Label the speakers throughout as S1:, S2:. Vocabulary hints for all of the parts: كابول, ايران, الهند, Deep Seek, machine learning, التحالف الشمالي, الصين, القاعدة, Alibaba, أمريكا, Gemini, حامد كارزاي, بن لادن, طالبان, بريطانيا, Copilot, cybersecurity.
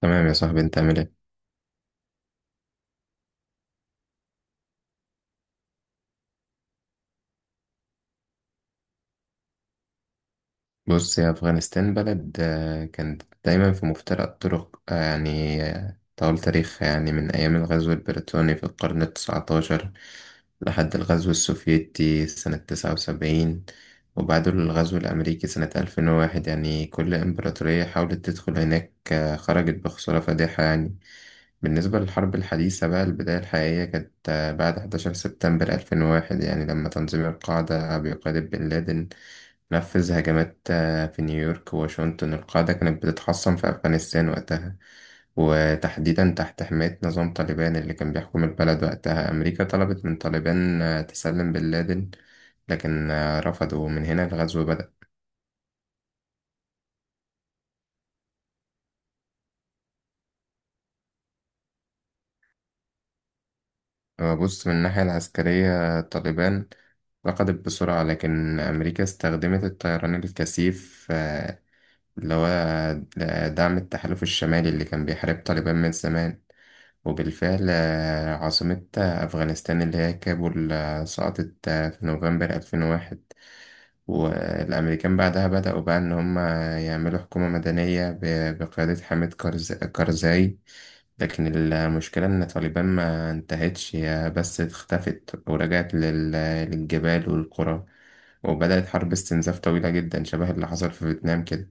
S1: تمام يا صاحبي، انت عامل ايه؟ بص، يا افغانستان بلد كانت دايما في مفترق الطرق، طول تاريخها، يعني من ايام الغزو البريطاني في القرن التسعتاشر لحد الغزو السوفيتي سنة تسعة وسبعين، وبعده الغزو الامريكي سنة الفين وواحد. يعني كل امبراطورية حاولت تدخل هناك خرجت بخسارة فادحة يعني. بالنسبة للحرب الحديثة بقى، البداية الحقيقية كانت بعد 11 سبتمبر 2001، يعني لما تنظيم القاعدة بقيادة بن لادن نفذ هجمات في نيويورك وواشنطن. القاعدة كانت بتتحصن في أفغانستان وقتها، وتحديدا تحت حماية نظام طالبان اللي كان بيحكم البلد وقتها. أمريكا طلبت من طالبان تسلم بن لادن، لكن رفضوا، ومن هنا الغزو بدأ. بص، من الناحية العسكرية طالبان ركضت بسرعة، لكن أمريكا استخدمت الطيران الكثيف، آه، اللي هو آه، دعم التحالف الشمالي اللي كان بيحارب طالبان من زمان. وبالفعل عاصمة أفغانستان اللي هي كابول سقطت في نوفمبر 2001. والأمريكان بعدها بدأوا بقى إن هم يعملوا حكومة مدنية بقيادة حامد كارزاي. لكن المشكلة إن طالبان ما انتهتش، هي بس اختفت ورجعت للجبال والقرى، وبدأت حرب استنزاف طويلة جدا، شبه اللي حصل في فيتنام كده.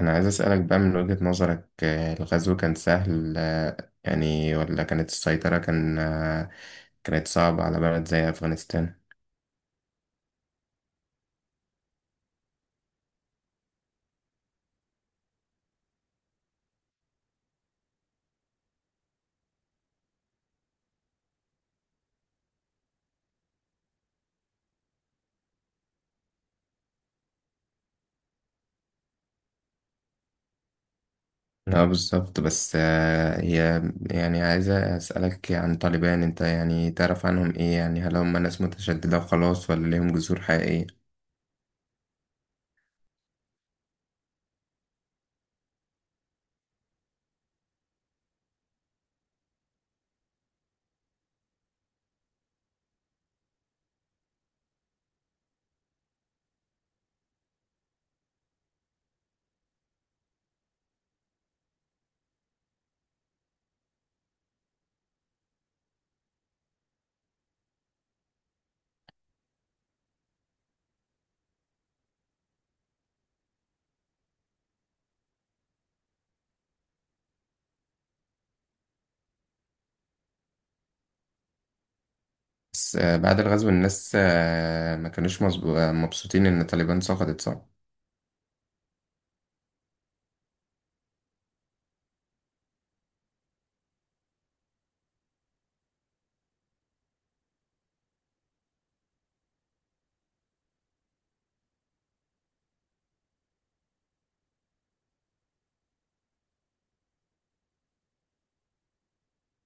S1: أنا عايز أسألك بقى، من وجهة نظرك الغزو كان سهل يعني، ولا كانت السيطرة كانت صعبة على بلد زي أفغانستان؟ لا بالظبط، بس هي يعني عايزة أسألك عن طالبان. أنت يعني تعرف عنهم إيه؟ يعني هل هم ناس متشددة وخلاص، ولا ليهم جذور حقيقية؟ بس بعد الغزو الناس ما كانوش مظبو- آه، مبسوطين إن طالبان سقطت، صح؟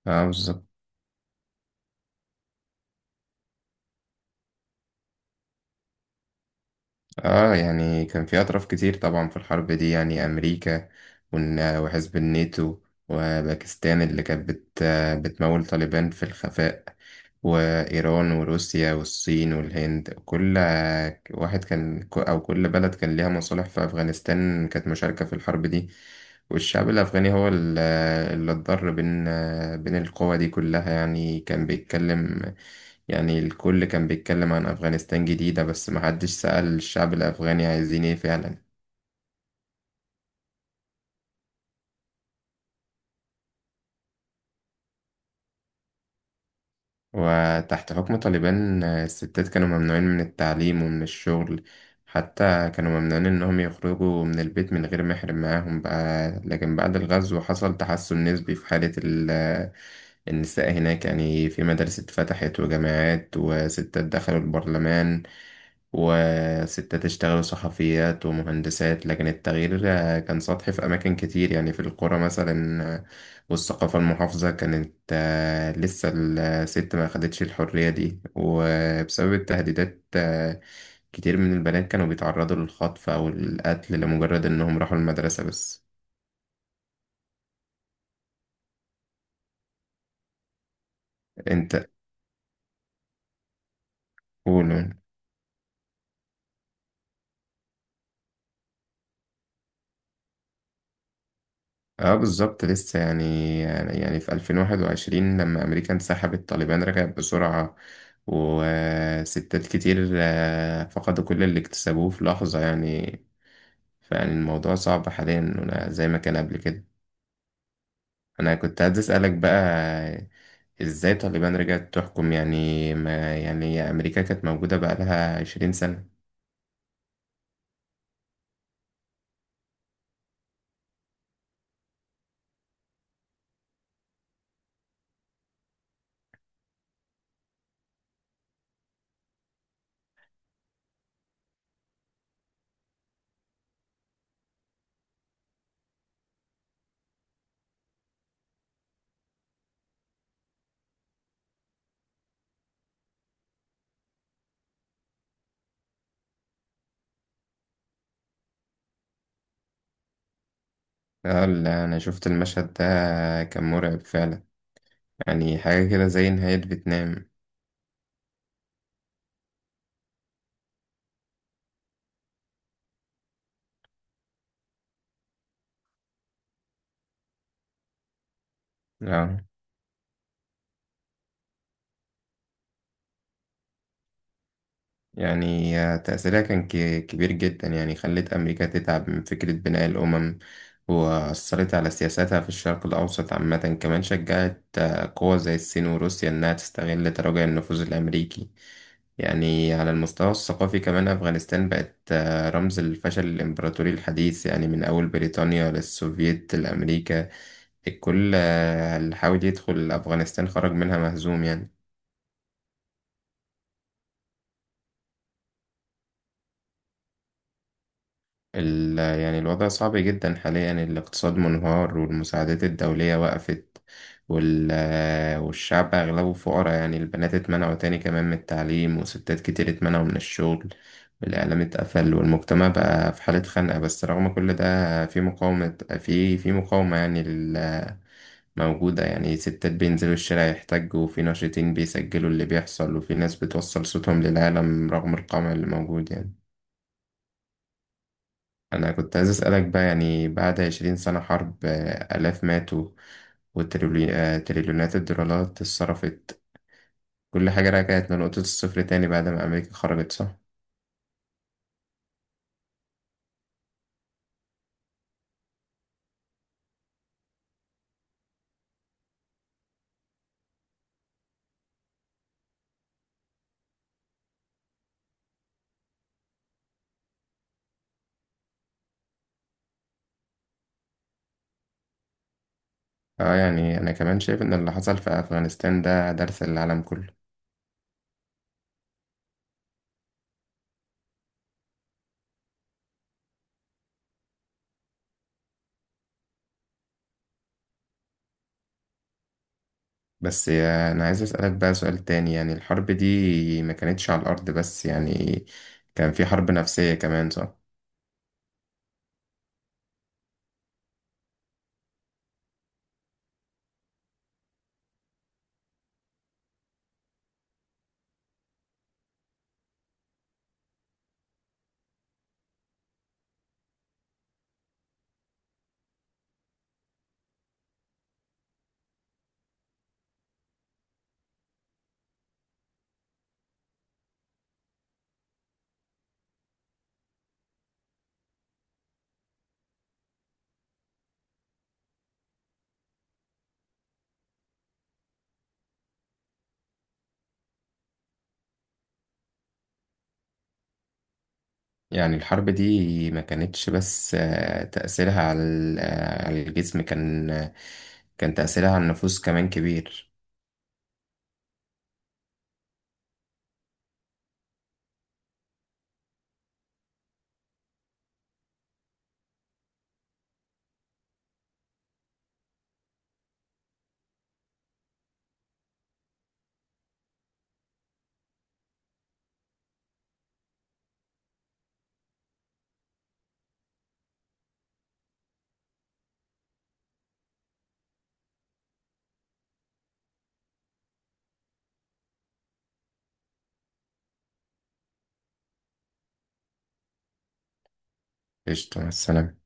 S1: اه بالظبط. اه، يعني كان في اطراف كتير طبعا في الحرب دي. يعني امريكا وحزب الناتو، وباكستان اللي كانت بتمول طالبان في الخفاء، وايران وروسيا والصين والهند. كل بلد كان ليها مصالح في افغانستان، كانت مشاركة في الحرب دي. والشعب الافغاني هو اللي اتضر بين بين القوى دي كلها. يعني كان بيتكلم يعني الكل كان بيتكلم عن أفغانستان جديدة، بس محدش سأل الشعب الأفغاني عايزين إيه فعلا. وتحت حكم طالبان الستات كانوا ممنوعين من التعليم ومن الشغل، حتى كانوا ممنوعين إنهم يخرجوا من البيت من غير محرم معاهم بقى. لكن بعد الغزو حصل تحسن نسبي في حالة النساء هناك، يعني في مدارس اتفتحت وجامعات، وستات دخلوا البرلمان، وستات اشتغلوا صحفيات ومهندسات. لكن التغيير كان سطحي في أماكن كتير، يعني في القرى مثلا والثقافة المحافظة كانت لسه الست ما أخدتش الحرية دي. وبسبب التهديدات كتير من البنات كانوا بيتعرضوا للخطف أو القتل لمجرد إنهم راحوا المدرسة بس. أنت قول. اه بالظبط، لسه يعني في 2021 لما أمريكا انسحبت، طالبان رجعت بسرعة، وستات كتير فقدوا كل اللي اكتسبوه في لحظة يعني. فيعني الموضوع صعب حاليا، ولا زي ما كان قبل كده. أنا كنت عايز أسألك بقى، إزاي طالبان رجعت تحكم؟ يعني ما يعني أمريكا كانت موجودة بقالها 20 سنة. اه لا، أنا شفت المشهد ده، كان مرعب فعلا، يعني حاجة كده زي نهاية فيتنام. اه، يعني تأثيرها كان كبير جدا، يعني خلت أمريكا تتعب من فكرة بناء الأمم، وأثرت على سياساتها في الشرق الأوسط عامة. كمان شجعت قوى زي الصين وروسيا إنها تستغل تراجع النفوذ الأمريكي. يعني على المستوى الثقافي كمان، أفغانستان بقت رمز الفشل الإمبراطوري الحديث، يعني من أول بريطانيا للسوفييت لأمريكا، الكل اللي حاول يدخل أفغانستان خرج منها مهزوم يعني. يعني الوضع صعب جدا حاليا، الاقتصاد منهار، والمساعدات الدولية وقفت، وال والشعب أغلبه فقراء يعني. البنات اتمنعوا تاني كمان من التعليم، وستات كتير اتمنعوا من الشغل، والإعلام اتقفل، والمجتمع بقى في حالة خنقة. بس رغم كل ده في مقاومة، في مقاومة يعني موجودة. يعني ستات بينزلوا الشارع يحتجوا، وفي ناشطين بيسجلوا اللي بيحصل، وفي ناس بتوصل صوتهم للعالم رغم القمع اللي موجود يعني. أنا كنت عايز أسألك بقى، يعني بعد 20 سنة حرب، آلاف ماتوا، وتريليونات الدولارات اتصرفت، كل حاجة رجعت لنقطة الصفر تاني بعد ما أمريكا خرجت، صح؟ اه يعني أنا كمان شايف إن اللي حصل في أفغانستان ده درس للعالم كله. بس أنا عايز أسألك بقى سؤال تاني. يعني الحرب دي ما كانتش على الأرض بس يعني، كان في حرب نفسية كمان، صح؟ يعني الحرب دي ما كانتش بس تأثيرها على على الجسم كان تأثيرها على النفوس كمان كبير. قشطة، مع السلامة.